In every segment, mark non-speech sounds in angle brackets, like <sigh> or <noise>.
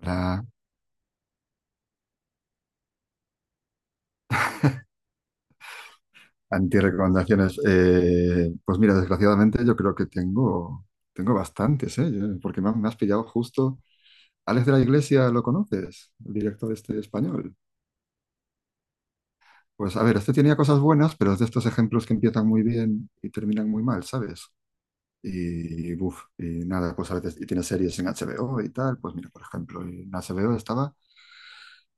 Para antirecomendaciones. Pues mira, desgraciadamente yo creo que tengo bastantes, ¿eh? Porque has me has pillado justo. Alex de la Iglesia, ¿lo conoces? El director este español. Pues a ver, este tenía cosas buenas, pero es de estos ejemplos que empiezan muy bien y terminan muy mal, ¿sabes? Y, buf, y nada, pues a veces, y tiene series en HBO y tal, pues mira, por ejemplo, en HBO estaba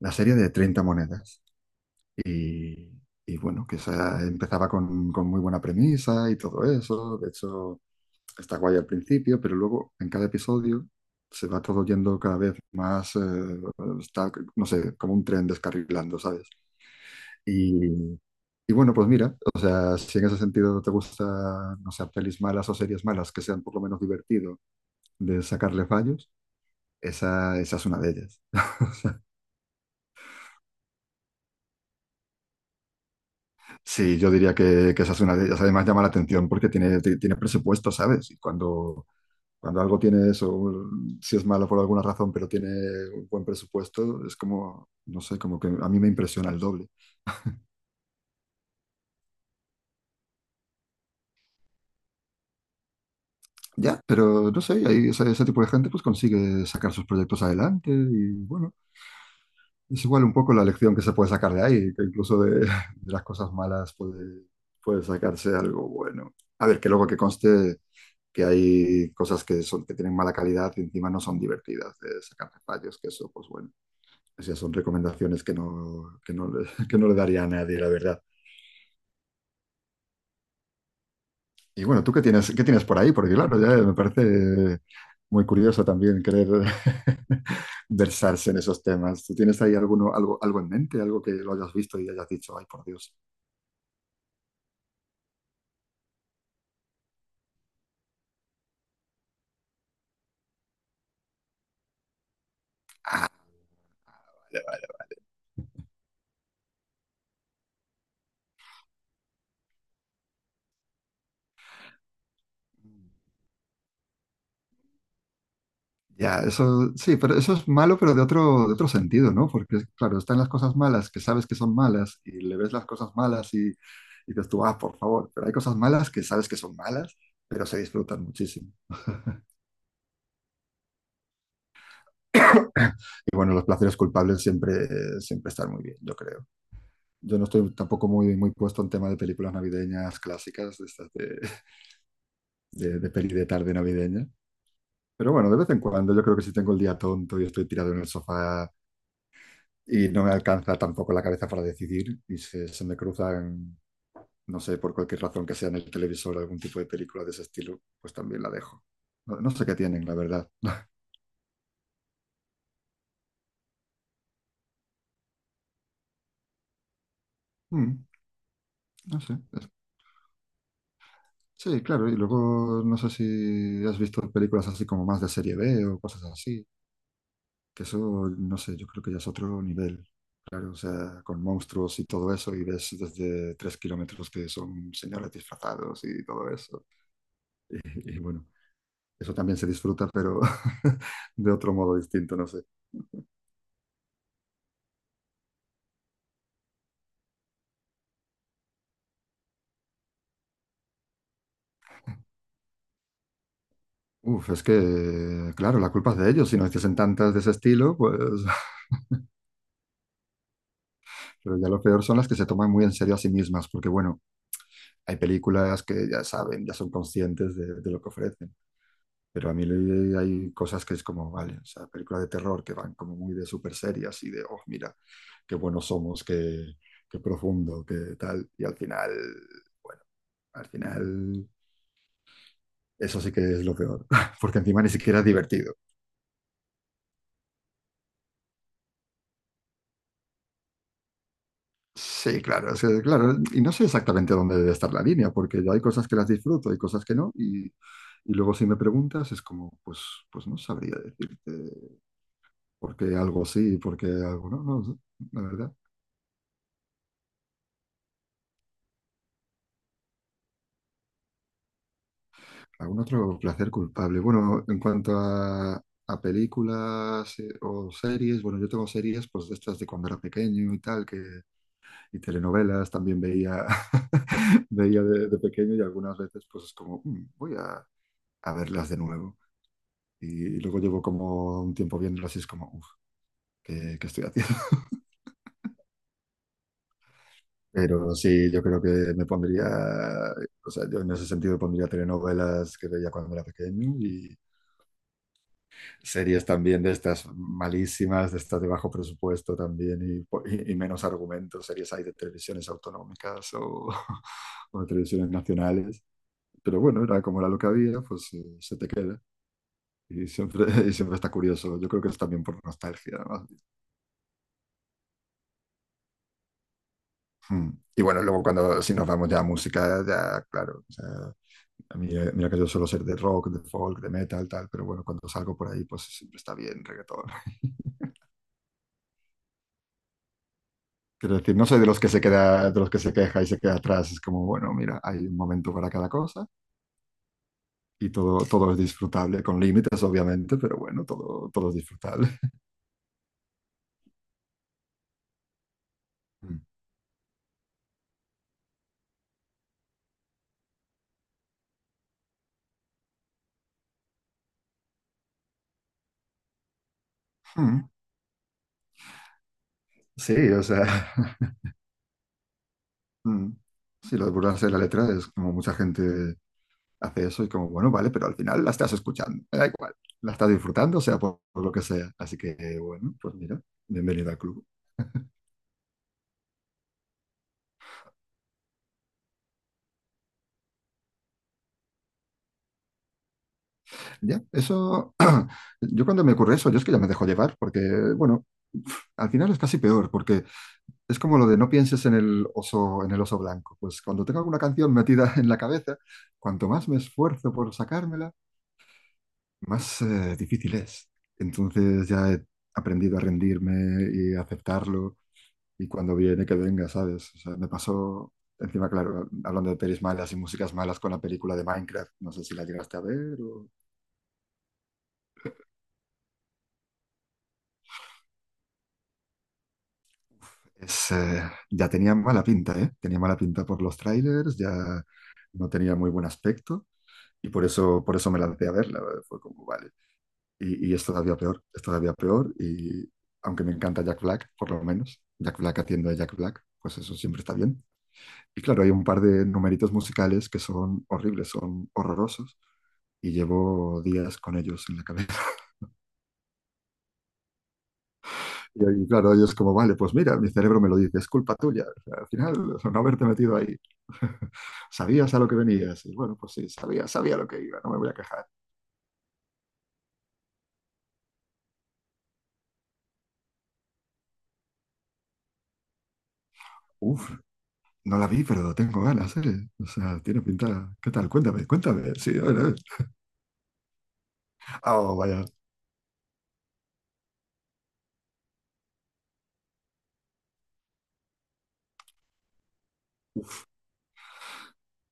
la serie de 30 monedas. Y, y bueno, que esa empezaba con muy buena premisa y todo eso. De hecho, está guay al principio, pero luego en cada episodio se va todo yendo cada vez más, está, no sé, como un tren descarrilando, ¿sabes? Y, y bueno, pues mira, o sea, si en ese sentido te gusta, no sé, pelis malas o series malas que sean por lo menos divertido de sacarle fallos, esa es una de ellas. Sí, yo diría que esa es una de ellas. Además llama la atención porque tiene, tiene presupuesto, ¿sabes? Cuando algo tiene eso, si es malo por alguna razón, pero tiene un buen presupuesto, es como, no sé, como que a mí me impresiona el doble. Ya, pero no sé, ese tipo de gente pues consigue sacar sus proyectos adelante y bueno, es igual un poco la lección que se puede sacar de ahí, que incluso de, <laughs> de las cosas malas puede sacarse algo bueno. A ver, que luego que conste que hay cosas que son, que tienen mala calidad y encima no son divertidas de sacar fallos, que eso, pues bueno, o sea, son recomendaciones que no, le- <laughs> que no le daría a nadie, la verdad. Y bueno, ¿tú qué tienes por ahí? Porque claro, ya me parece muy curioso también querer <laughs> versarse en esos temas. ¿Tú tienes ahí alguno, algo, algo en mente, algo que lo hayas visto y hayas dicho, ay, por Dios? Vale, vale. Ya, eso sí, pero eso es malo, pero de de otro sentido, ¿no? Porque, claro, están las cosas malas que sabes que son malas y le ves las cosas malas y dices tú, ah, por favor, pero hay cosas malas que sabes que son malas, pero se disfrutan muchísimo. <coughs> Y bueno, los placeres culpables siempre están muy bien, yo creo. Yo no estoy tampoco muy puesto en tema de películas navideñas clásicas, de peli de tarde navideña. Pero bueno, de vez en cuando yo creo que si tengo el día tonto y estoy tirado en el sofá y no me alcanza tampoco la cabeza para decidir y se me cruzan, no sé, por cualquier razón que sea en el televisor algún tipo de película de ese estilo, pues también la dejo. No sé qué tienen, la verdad. <laughs> Mm. No sé. Sí, claro, y luego no sé si has visto películas así como más de serie B o cosas así, que eso, no sé, yo creo que ya es otro nivel, claro, o sea, con monstruos y todo eso, y ves desde 3 kilómetros que son señores disfrazados y todo eso. <laughs> Y bueno, eso también se disfruta, pero <laughs> de otro modo distinto, no sé. Uf, es que, claro, la culpa es de ellos, si no hiciesen tantas de ese estilo, pues, <laughs> pero ya lo peor son las que se toman muy en serio a sí mismas, porque bueno, hay películas que ya saben, ya son conscientes de lo que ofrecen. Pero a mí hay cosas que es como, vale, o sea, películas de terror que van como muy de súper serias y de, oh, mira, qué buenos somos, qué profundo, qué tal. Bueno, Al final eso sí que es lo peor, <laughs> porque encima ni siquiera es divertido. Sí, claro, claro, y no sé exactamente dónde debe estar la línea, porque yo hay cosas que las disfruto, hay cosas que no, y luego si me preguntas es como, pues no sabría decirte porque algo sí, porque algo no, la verdad. ¿Algún otro placer culpable? Bueno, en cuanto a películas o series, bueno, yo tengo series pues de estas de cuando era pequeño y tal, y telenovelas también veía, <laughs> veía de pequeño y algunas veces pues es como, "Mm, a verlas de nuevo." Y luego llevo como un tiempo viéndolas y es como, uff, ¿qué, qué estoy haciendo? <laughs> Pero sí, yo creo que me pondría, o sea, yo en ese sentido pondría telenovelas que veía cuando era pequeño y series también de estas malísimas, de estas de bajo presupuesto también y menos argumentos, series hay de televisiones autonómicas o, <laughs> o de televisiones nacionales. Pero bueno, era como era lo que había, pues se te queda y siempre, <laughs> y siempre está curioso. Yo creo que es también por nostalgia. Mm. Y bueno, luego cuando si nos vamos ya a música, ya claro, o sea, a mí, mira que yo suelo ser de rock, de folk, de metal, tal, pero bueno, cuando salgo por ahí, pues siempre está bien reggaetón. <laughs> Quiero decir, no soy de los que se queda, de los que se queja y se queda atrás. Es como, bueno, mira, hay un momento para cada cosa y todo es disfrutable, con límites, obviamente, pero bueno, todo es disfrutable. Mm. Mm. Sí, o sea, <laughs> mm, sí, lo de burlarse de la letra es como mucha gente hace eso y como, bueno, vale, pero al final la estás escuchando, me da igual, la estás disfrutando, sea por lo que sea. Así que, bueno, pues mira, bienvenida al club. Ya, eso, yo cuando me ocurre eso, yo es que ya me dejo llevar, porque, bueno, al final es casi peor, porque es como lo de no pienses en el oso blanco. Pues cuando tengo alguna canción metida <laughs> en la cabeza, cuanto más me esfuerzo por sacármela, más difícil es. Entonces ya he aprendido a rendirme y a aceptarlo. Y cuando viene, que venga, ¿sabes? O sea, me pasó, encima, claro, hablando de pelis malas y músicas malas con la película de Minecraft, no sé si la llegaste a ver. Es, ya tenía mala pinta, ¿eh? Tenía mala pinta por los trailers, ya no tenía muy buen aspecto por eso me lancé a verla. ¿Vale? Fue como, vale. Y es todavía peor y aunque me encanta Jack Black, por lo menos, Jack Black haciendo a Jack Black, pues eso siempre está bien. Y claro, hay un par de numeritos musicales que son horribles, son horrorosos y llevo días con ellos en la cabeza. <laughs> Y, ahí, claro, ellos como, vale, pues mira, mi cerebro me lo dice, es culpa tuya. O sea, al final, <laughs> o sea, no haberte metido ahí. <laughs> Sabías a lo que venías. Y bueno, pues sí, sabía lo que iba, no me voy a quejar. Uf, no la vi, pero tengo ganas, ¿eh? O sea, tiene pinta. ¿Qué tal? Cuéntame, cuéntame. Sí, bueno, eh. Oh, vaya. Uf.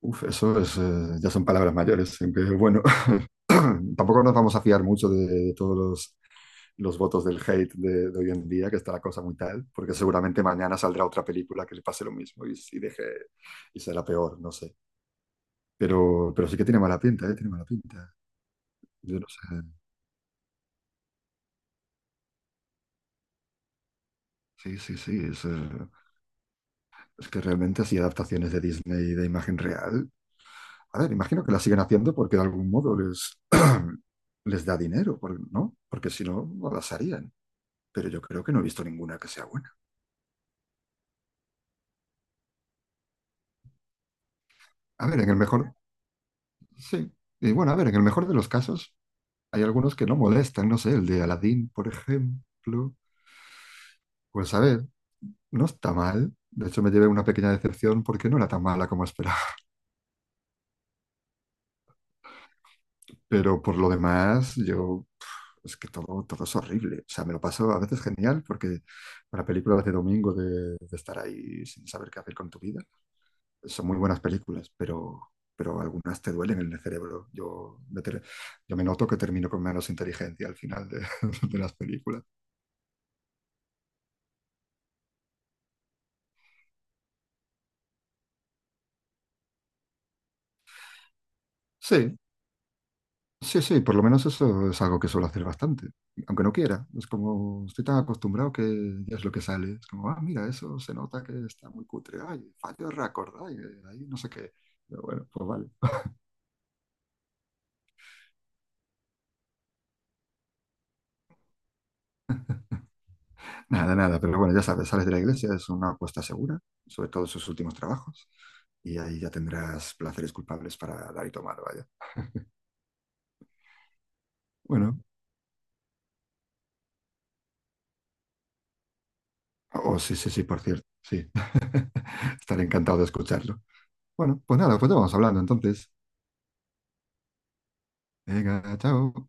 Uf, eso es, ya son palabras mayores, aunque bueno, <laughs> tampoco nos vamos a fiar mucho de todos los votos del hate hoy en día, que está la cosa muy tal, porque seguramente mañana saldrá otra película que le pase lo mismo y deje y será peor, no sé. Pero sí que tiene mala pinta, ¿eh? Tiene mala pinta. Yo no sé. Sí, sí, sí. Es que realmente así adaptaciones de Disney de imagen real. A ver, imagino que la siguen haciendo porque de algún modo les, <clears throat> les da dinero, ¿no? Porque si no, no las harían. Pero yo creo que no he visto ninguna que sea buena. A ver, en el mejor. Sí. Y bueno, a ver, en el mejor de los casos, hay algunos que no molestan, no sé, el de Aladdin, por ejemplo. Pues a ver, no está mal. De hecho, me llevé una pequeña decepción porque no era tan mala como esperaba. <laughs> Pero por lo demás, yo... Es que todo es horrible. O sea, me lo paso a veces genial porque para películas de domingo de estar ahí sin saber qué hacer con tu vida, son muy buenas películas, pero algunas te duelen en el cerebro. Yo me noto que termino con menos inteligencia al final de <laughs> de las películas. Sí, sí, sí, por lo menos eso es algo que suelo hacer bastante, aunque no quiera. Es como estoy tan acostumbrado que ya es lo que sale. Es como, ah, mira, eso se nota que está muy cutre. Ay, fallo de récord, ay, ahí no sé qué. Pero bueno, pues vale. Nada, nada, pero bueno, ya sabes, sales de la iglesia, es una apuesta segura, sobre todo en sus últimos trabajos, y ahí ya tendrás placeres culpables para dar y tomar, vaya. Bueno, oh, sí, sí, sí, por cierto, sí. <laughs> Estaré encantado de escucharlo. Bueno, pues nada, pues ya vamos hablando entonces. Venga, chao.